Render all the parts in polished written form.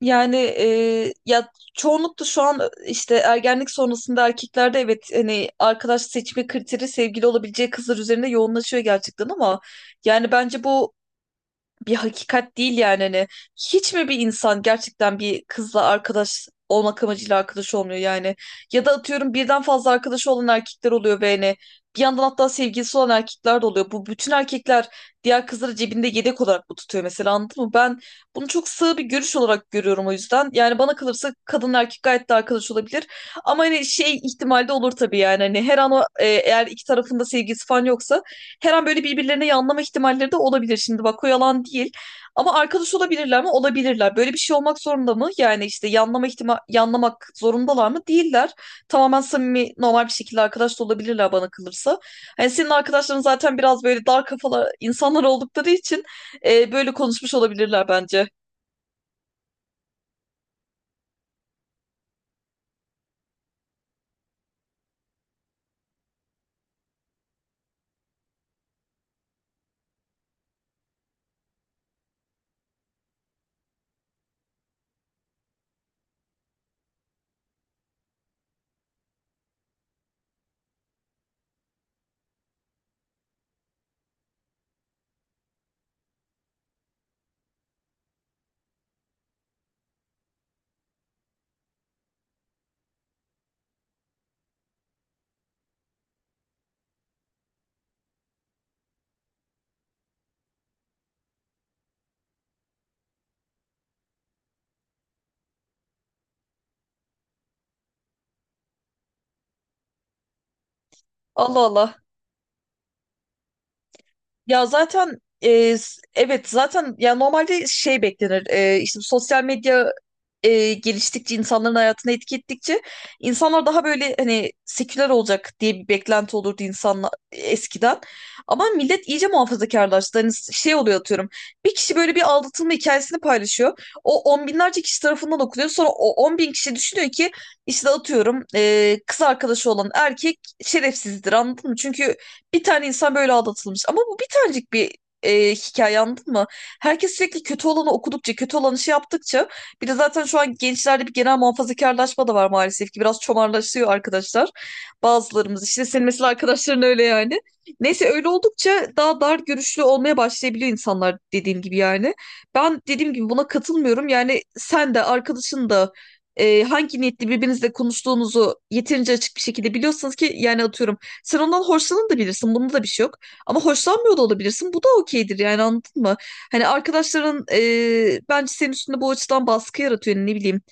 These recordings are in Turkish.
Yani ya çoğunlukla şu an işte ergenlik sonrasında erkeklerde evet hani arkadaş seçme kriteri sevgili olabileceği kızlar üzerinde yoğunlaşıyor gerçekten ama yani bence bu bir hakikat değil yani hani hiç mi bir insan gerçekten bir kızla arkadaş olmak amacıyla arkadaş olmuyor yani ya da atıyorum birden fazla arkadaşı olan erkekler oluyor ve hani bir yandan hatta sevgilisi olan erkekler de oluyor. Bu bütün erkekler diğer kızları cebinde yedek olarak bu tutuyor mesela, anladın mı? Ben bunu çok sığ bir görüş olarak görüyorum o yüzden. Yani bana kalırsa kadın erkek gayet de arkadaş olabilir. Ama hani şey ihtimalde olur tabii, yani hani her an eğer iki tarafında sevgilisi falan yoksa her an böyle birbirlerine yanlama ihtimalleri de olabilir. Şimdi bak o yalan değil. Ama arkadaş olabilirler mi? Olabilirler. Böyle bir şey olmak zorunda mı? Yani işte yanlamak zorundalar mı? Değiller. Tamamen samimi, normal bir şekilde arkadaş da olabilirler bana kalırsa. Hani senin arkadaşların zaten biraz böyle dar kafalı insanlar oldukları için böyle konuşmuş olabilirler bence. Allah Allah. Ya zaten evet, zaten ya normalde şey beklenir. İşte bu sosyal medya geliştikçe, insanların hayatına etki ettikçe insanlar daha böyle hani seküler olacak diye bir beklenti olurdu insanlar eskiden. Ama millet iyice muhafazakarlaştı. Hani şey oluyor atıyorum. Bir kişi böyle bir aldatılma hikayesini paylaşıyor. O on binlerce kişi tarafından okunuyor. Sonra o on bin kişi düşünüyor ki işte atıyorum kız arkadaşı olan erkek şerefsizdir, anladın mı? Çünkü bir tane insan böyle aldatılmış. Ama bu bir tanecik bir hikaye, anladın mı? Herkes sürekli kötü olanı okudukça, kötü olanı şey yaptıkça bir de zaten şu an gençlerde bir genel muhafazakarlaşma da var maalesef ki. Biraz çomarlaşıyor arkadaşlar. Bazılarımız işte, senin mesela arkadaşların öyle yani. Neyse, öyle oldukça daha dar görüşlü olmaya başlayabiliyor insanlar, dediğim gibi yani. Ben dediğim gibi buna katılmıyorum. Yani sen de arkadaşın da hangi niyetle birbirinizle konuştuğunuzu yeterince açık bir şekilde biliyorsanız, ki yani atıyorum sen ondan hoşlanın da bilirsin. Bunda da bir şey yok. Ama hoşlanmıyor da olabilirsin. Bu da okeydir yani, anladın mı? Hani arkadaşların bence senin üstünde bu açıdan baskı yaratıyor. Yani ne bileyim,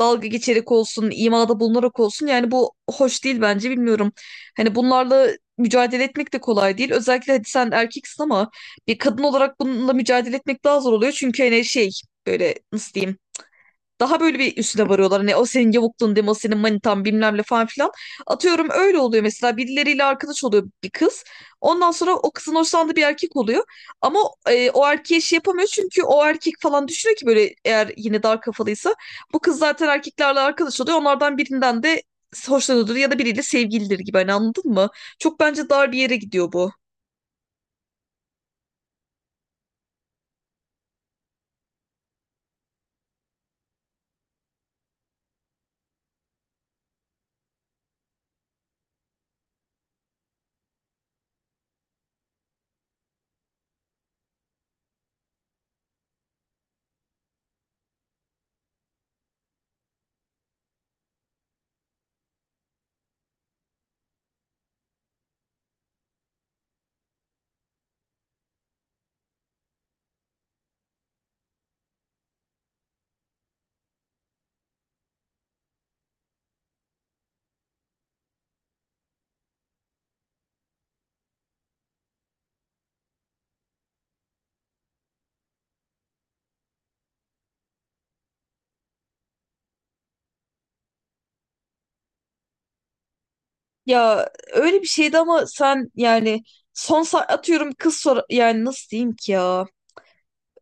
dalga geçerek olsun, imada bulunarak olsun. Yani bu hoş değil bence, bilmiyorum. Hani bunlarla mücadele etmek de kolay değil. Özellikle hadi sen erkeksin ama bir kadın olarak bununla mücadele etmek daha zor oluyor. Çünkü hani şey, böyle nasıl diyeyim, daha böyle bir üstüne varıyorlar. Hani o senin yavukluğun deme, o senin manitan bilmem ne falan filan. Atıyorum öyle oluyor mesela. Birileriyle arkadaş oluyor bir kız. Ondan sonra o kızın hoşlandığı bir erkek oluyor. Ama o erkeğe şey yapamıyor. Çünkü o erkek falan düşünüyor ki, böyle eğer yine dar kafalıysa. Bu kız zaten erkeklerle arkadaş oluyor. Onlardan birinden de hoşlanıyordur ya da biriyle sevgilidir gibi. Hani anladın mı? Çok bence dar bir yere gidiyor bu. Ya öyle bir şeydi ama sen yani atıyorum kız sor, yani nasıl diyeyim ki ya?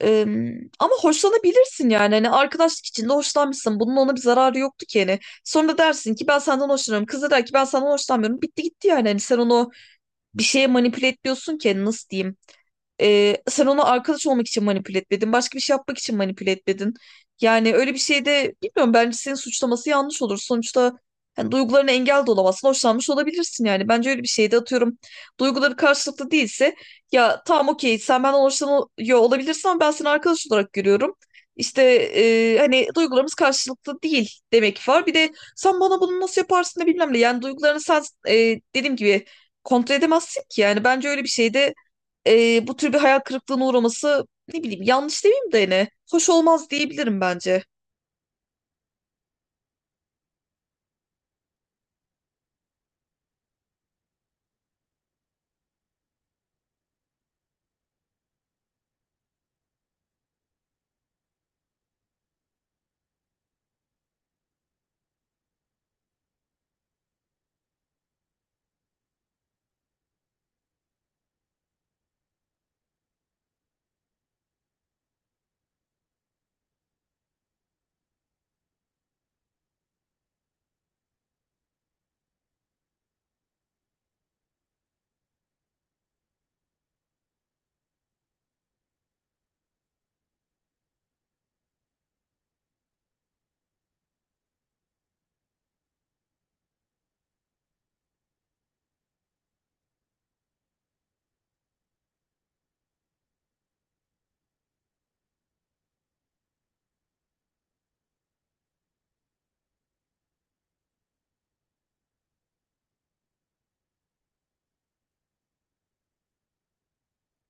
Eee, ama hoşlanabilirsin yani. Hani arkadaşlık içinde hoşlanmışsın. Bunun ona bir zararı yoktu ki hani. Sonra dersin ki ben senden hoşlanıyorum. Kız da der ki ben senden hoşlanmıyorum. Bitti gitti yani. Hani sen onu bir şeye manipüle ediyorsun ki, hani nasıl diyeyim. Sen onu arkadaş olmak için manipüle etmedin. Başka bir şey yapmak için manipüle etmedin. Yani öyle bir şeyde bilmiyorum, bence senin suçlaması yanlış olur. Sonuçta hani duygularına engel de olamazsın. Hoşlanmış olabilirsin yani. Bence öyle bir şeyde atıyorum. Duyguları karşılıklı değilse, ya tamam, okey, sen benden hoşlanıyor olabilirsin ama ben seni arkadaş olarak görüyorum. İşte hani duygularımız karşılıklı değil demek var. Bir de sen bana bunu nasıl yaparsın da bilmem ne. Yani duygularını sen e, dediğim gibi kontrol edemezsin ki. Yani bence öyle bir şeyde bu tür bir hayal kırıklığına uğraması, ne bileyim yanlış demeyeyim de hani hoş olmaz diyebilirim bence.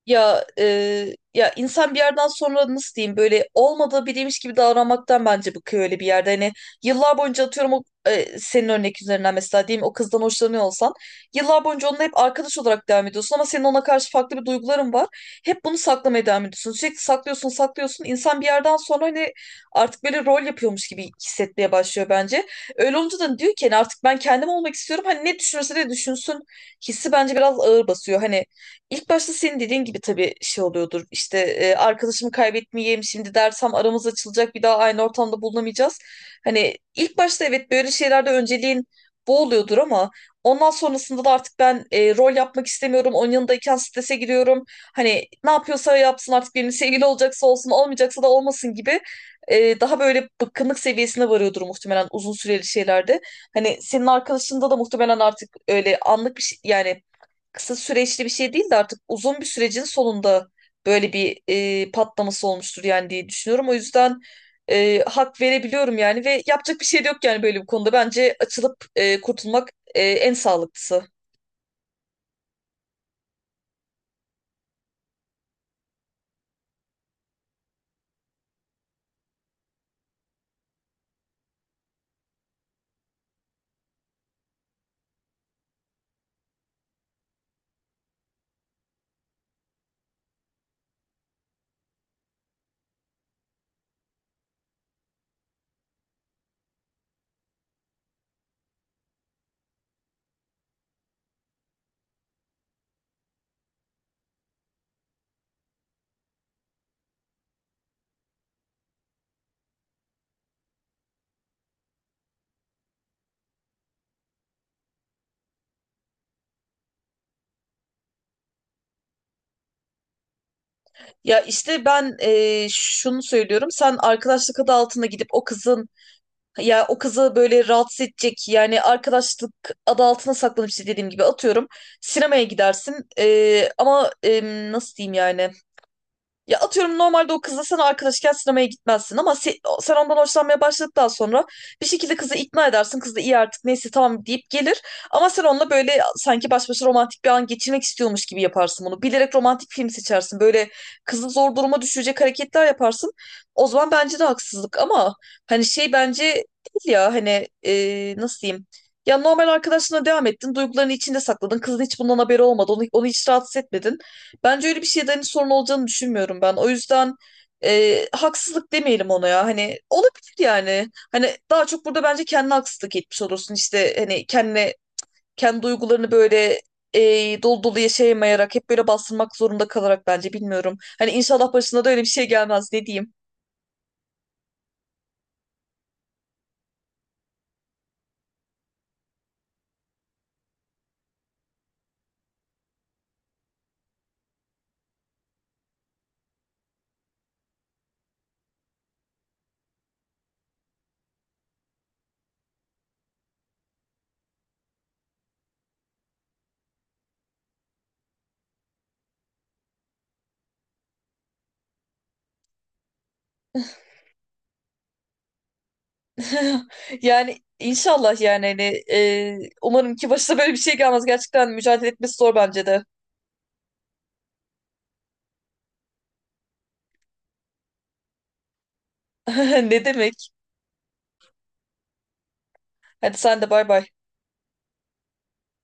Ya ya insan bir yerden sonra nasıl diyeyim, böyle olmadığı biriymiş gibi davranmaktan bence bıkıyor öyle bir yerde. Hani yıllar boyunca atıyorum senin örnek üzerinden mesela diyeyim, o kızdan hoşlanıyor olsan yıllar boyunca onunla hep arkadaş olarak devam ediyorsun ama senin ona karşı farklı bir duyguların var. Hep bunu saklamaya devam ediyorsun. Sürekli saklıyorsun, saklıyorsun. İnsan bir yerden sonra hani artık böyle rol yapıyormuş gibi hissetmeye başlıyor bence. Öyle olunca da diyor ki hani artık ben kendim olmak istiyorum. Hani ne düşünürse de düşünsün hissi bence biraz ağır basıyor. Hani İlk başta senin dediğin gibi tabii şey oluyordur. İşte arkadaşımı kaybetmeyeyim, şimdi dersem aramız açılacak, bir daha aynı ortamda bulunamayacağız. Hani ilk başta evet böyle şeylerde önceliğin bu oluyordur ama ondan sonrasında da artık ben rol yapmak istemiyorum. Onun yanındayken strese giriyorum. Hani ne yapıyorsa yapsın, artık benim sevgili olacaksa olsun, olmayacaksa da olmasın gibi, daha böyle bıkkınlık seviyesine varıyordur muhtemelen uzun süreli şeylerde. Hani senin arkadaşında da muhtemelen artık öyle anlık bir şey yani, kısa süreçli bir şey değil de artık uzun bir sürecin sonunda böyle bir patlaması olmuştur yani diye düşünüyorum. O yüzden hak verebiliyorum yani, ve yapacak bir şey de yok yani böyle bir konuda. Bence açılıp kurtulmak en sağlıklısı. Ya işte ben şunu söylüyorum. Sen arkadaşlık adı altında gidip o kızın, ya o kızı böyle rahatsız edecek, yani arkadaşlık adı altına saklanıp işte dediğim gibi atıyorum sinemaya gidersin. Nasıl diyeyim yani. Ya atıyorum normalde o kızla sen arkadaşken sinemaya gitmezsin ama sen ondan hoşlanmaya başladıktan sonra bir şekilde kızı ikna edersin. Kız da iyi, artık neyse tamam deyip gelir. Ama sen onunla böyle sanki baş başa romantik bir an geçirmek istiyormuş gibi yaparsın bunu. Bilerek romantik film seçersin. Böyle kızı zor duruma düşürecek hareketler yaparsın. O zaman bence de haksızlık, ama hani şey bence değil ya hani, nasıl diyeyim? Ya normal arkadaşına devam ettin. Duygularını içinde sakladın. Kızın hiç bundan haberi olmadı. Onu hiç rahatsız etmedin. Bence öyle bir şeyden hani sorun olacağını düşünmüyorum ben. O yüzden haksızlık demeyelim ona ya. Hani olabilir yani. Hani daha çok burada bence kendine haksızlık etmiş olursun. İşte hani kendi duygularını böyle dolu dolu yaşayamayarak, hep böyle bastırmak zorunda kalarak, bence bilmiyorum. Hani inşallah başına da öyle bir şey gelmez, ne diyeyim. Yani inşallah yani hani umarım ki başına böyle bir şey gelmez. Gerçekten mücadele etmesi zor bence de. Ne demek? Hadi sen de, bay bay.